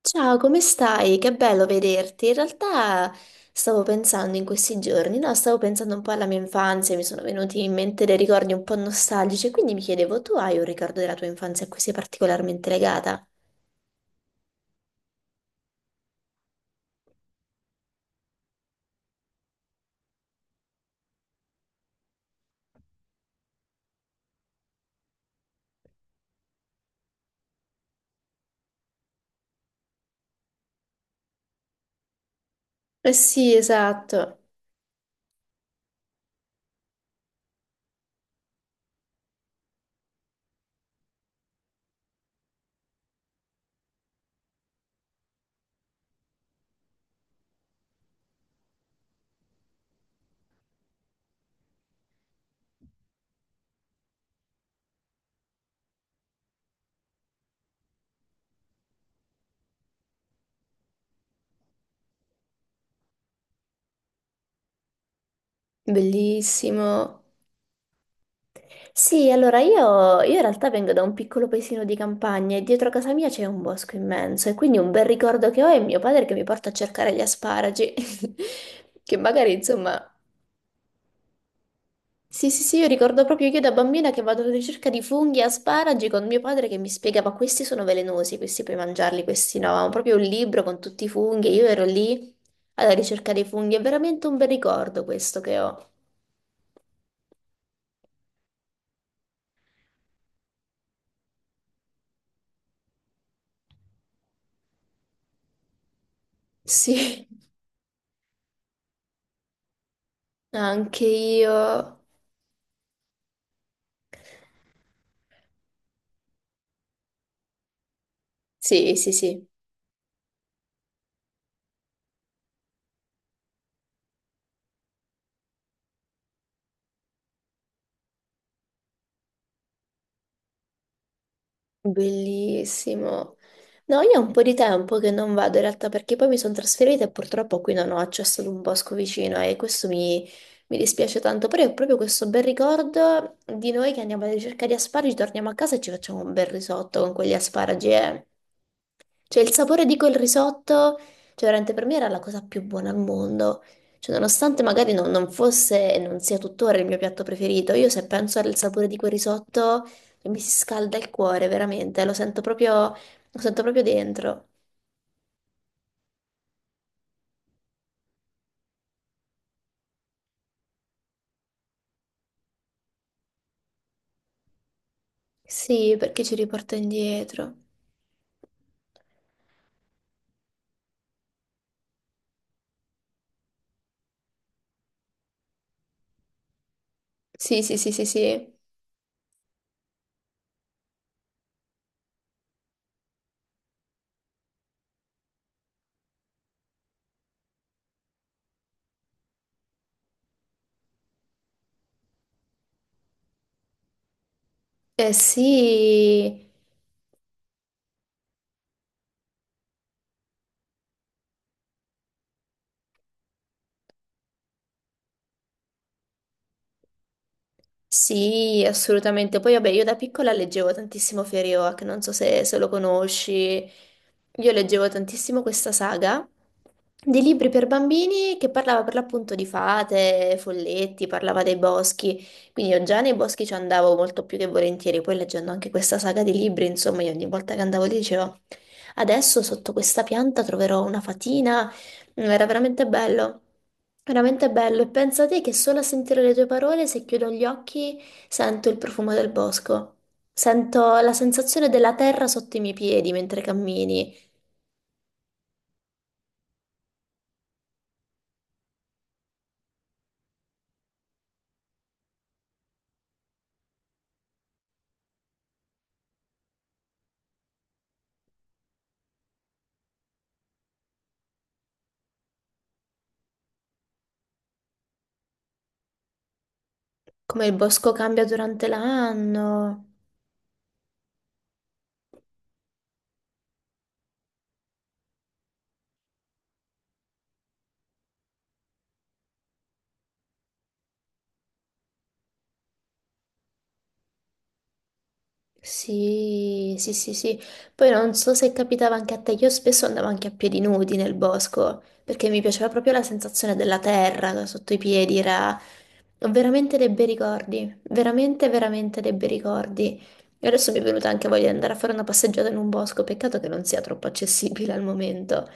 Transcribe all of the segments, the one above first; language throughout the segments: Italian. Ciao, come stai? Che bello vederti. In realtà stavo pensando in questi giorni, no, stavo pensando un po' alla mia infanzia, mi sono venuti in mente dei ricordi un po' nostalgici, quindi mi chiedevo, tu hai un ricordo della tua infanzia a cui sei particolarmente legata? Eh sì, esatto. Bellissimo. Sì, allora io in realtà vengo da un piccolo paesino di campagna e dietro casa mia c'è un bosco immenso e quindi un bel ricordo che ho è mio padre che mi porta a cercare gli asparagi, che magari insomma sì, sì, sì, io ricordo proprio io da bambina che vado alla ricerca di funghi e asparagi con mio padre che mi spiegava questi sono velenosi, questi puoi mangiarli, questi no. Avevamo proprio un libro con tutti i funghi e io ero lì alla ricerca dei funghi. È veramente un bel ricordo questo che ho. Sì, anche io. Sì, sì, sì. Bellissimo. No, io ho un po' di tempo che non vado in realtà perché poi mi sono trasferita e purtroppo qui non ho accesso ad un bosco vicino e questo mi, mi dispiace tanto, però è proprio questo bel ricordo di noi che andiamo alla ricerca di asparagi, torniamo a casa e ci facciamo un bel risotto con quegli asparagi. Eh. Cioè, il sapore di quel risotto, cioè, veramente per me era la cosa più buona al mondo. Cioè, nonostante magari non fosse e non sia tuttora il mio piatto preferito, io se penso al sapore di quel risotto, cioè, mi si scalda il cuore, veramente, lo sento proprio dentro. Sì, perché ci riporta indietro. Sì, sì, sì, sì, sì. Eh sì. Sì, assolutamente. Poi, vabbè, io da piccola leggevo tantissimo Feriwak, non so se, se lo conosci. Io leggevo tantissimo questa saga di libri per bambini che parlava per l'appunto di fate, folletti, parlava dei boschi. Quindi io già nei boschi ci andavo molto più che volentieri. Poi leggendo anche questa saga di libri, insomma, io ogni volta che andavo lì dicevo, adesso sotto questa pianta troverò una fatina. Mm. Era veramente bello, veramente bello. E pensa te che solo a sentire le tue parole, se chiudo gli occhi, sento il profumo del bosco. Sento la sensazione della terra sotto i miei piedi mentre cammini, come il bosco cambia durante l'anno. Sì, sì, sì, sì. Poi non so se capitava anche a te, io spesso andavo anche a piedi nudi nel bosco, perché mi piaceva proprio la sensazione della terra sotto i piedi. Ho veramente dei bei ricordi, veramente, veramente dei bei ricordi. E adesso mi è venuta anche voglia di andare a fare una passeggiata in un bosco, peccato che non sia troppo accessibile al momento.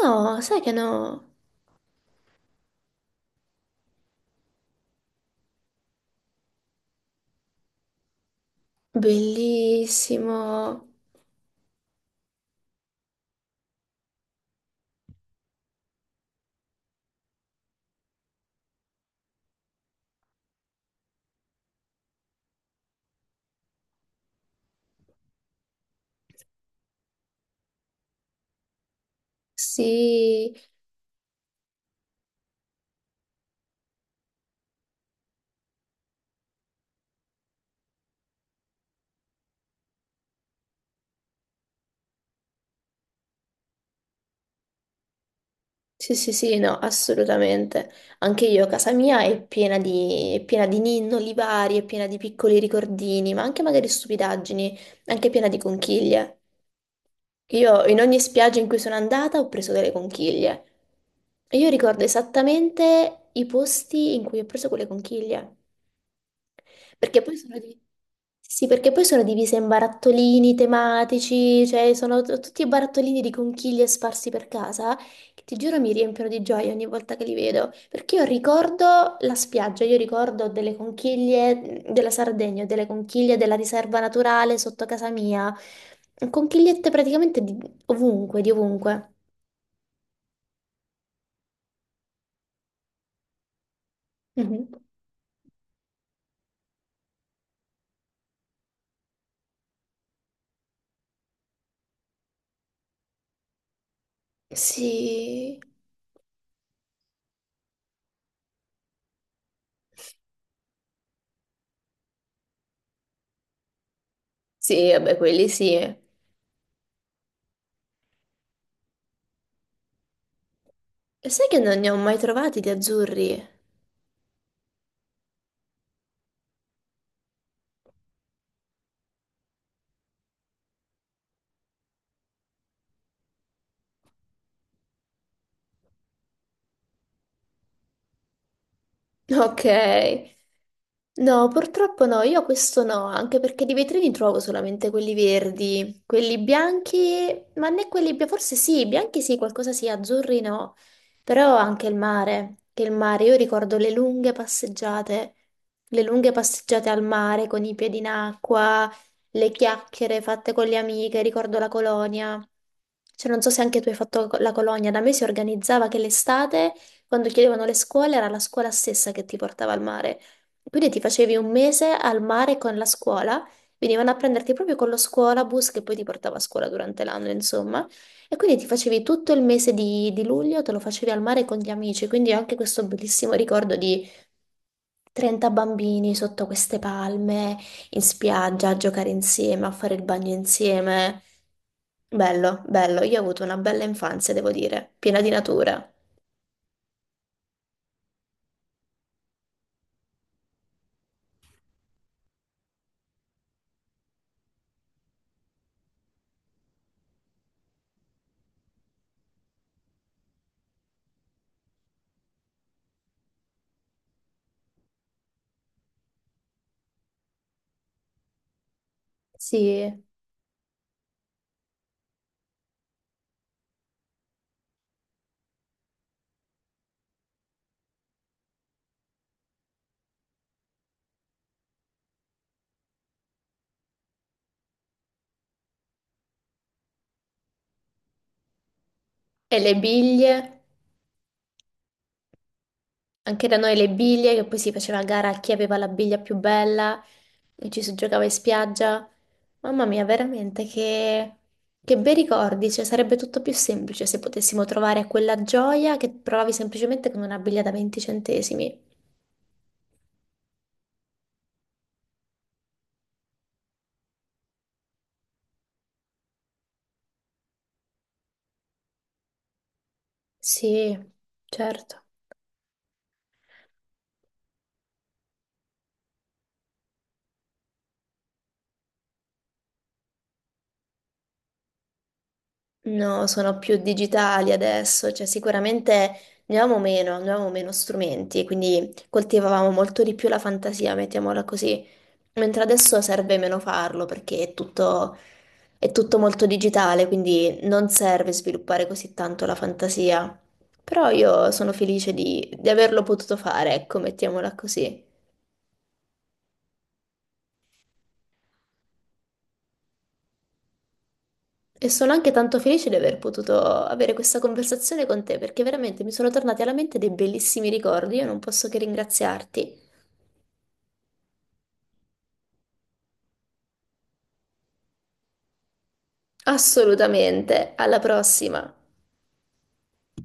No, sai che no? Bellissimo. Sì, sì, sì, sì, no, assolutamente. Anche io, casa mia è piena di ninnoli vari, è piena di piccoli ricordini, ma anche magari stupidaggini, anche piena di conchiglie. Io in ogni spiaggia in cui sono andata ho preso delle conchiglie. E io ricordo esattamente i posti in cui ho preso quelle conchiglie. Perché poi sono di... Sì, sì, perché poi sono divise in barattolini tematici, cioè sono tutti barattolini di conchiglie sparsi per casa, che ti giuro mi riempiono di gioia ogni volta che li vedo, perché io ricordo la spiaggia, io ricordo delle conchiglie mhmm, della Sardegna, delle conchiglie della riserva naturale sotto casa mia, conchigliette praticamente di ovunque, di ovunque. Mhm. Sì, sì, vabbè, quelli sì. E sai che non ne ho mai trovati di azzurri? Ok. No, purtroppo no, io questo no, anche perché di vetrini trovo solamente quelli verdi, quelli bianchi, ma né quelli forse sì, bianchi sì, qualcosa sì, azzurri no, però anche il mare, che il mare, io ricordo le lunghe passeggiate al mare con i piedi in acqua, le chiacchiere fatte con le amiche, ricordo la colonia. Cioè, non so se anche tu hai fatto la colonia, da me si organizzava che l'estate quando chiedevano le scuole, era la scuola stessa che ti portava al mare. Quindi ti facevi un mese al mare con la scuola, venivano a prenderti proprio con lo scuolabus che poi ti portava a scuola durante l'anno, insomma. E quindi ti facevi tutto il mese di luglio, te lo facevi al mare con gli amici. Quindi ho anche questo bellissimo ricordo di 30 bambini sotto queste palme, in spiaggia, a giocare insieme, a fare il bagno insieme. Bello, bello. Io ho avuto una bella infanzia, devo dire, piena di natura. Sì. E le biglie, anche da noi le biglie, che poi si faceva a gara a chi aveva la biglia più bella e ci si giocava in spiaggia. Mamma mia, veramente che bei ricordi, cioè sarebbe tutto più semplice se potessimo trovare quella gioia che provavi semplicemente con una biglia da 20 centesimi. Sì, certo. No, sono più digitali adesso, cioè sicuramente ne avevamo meno strumenti, quindi coltivavamo molto di più la fantasia, mettiamola così. Mentre adesso serve meno farlo perché è tutto molto digitale, quindi non serve sviluppare così tanto la fantasia. Però io sono felice di averlo potuto fare, ecco, mettiamola così. E sono anche tanto felice di aver potuto avere questa conversazione con te, perché veramente mi sono tornati alla mente dei bellissimi ricordi. Io non posso che ringraziarti. Assolutamente. Alla prossima.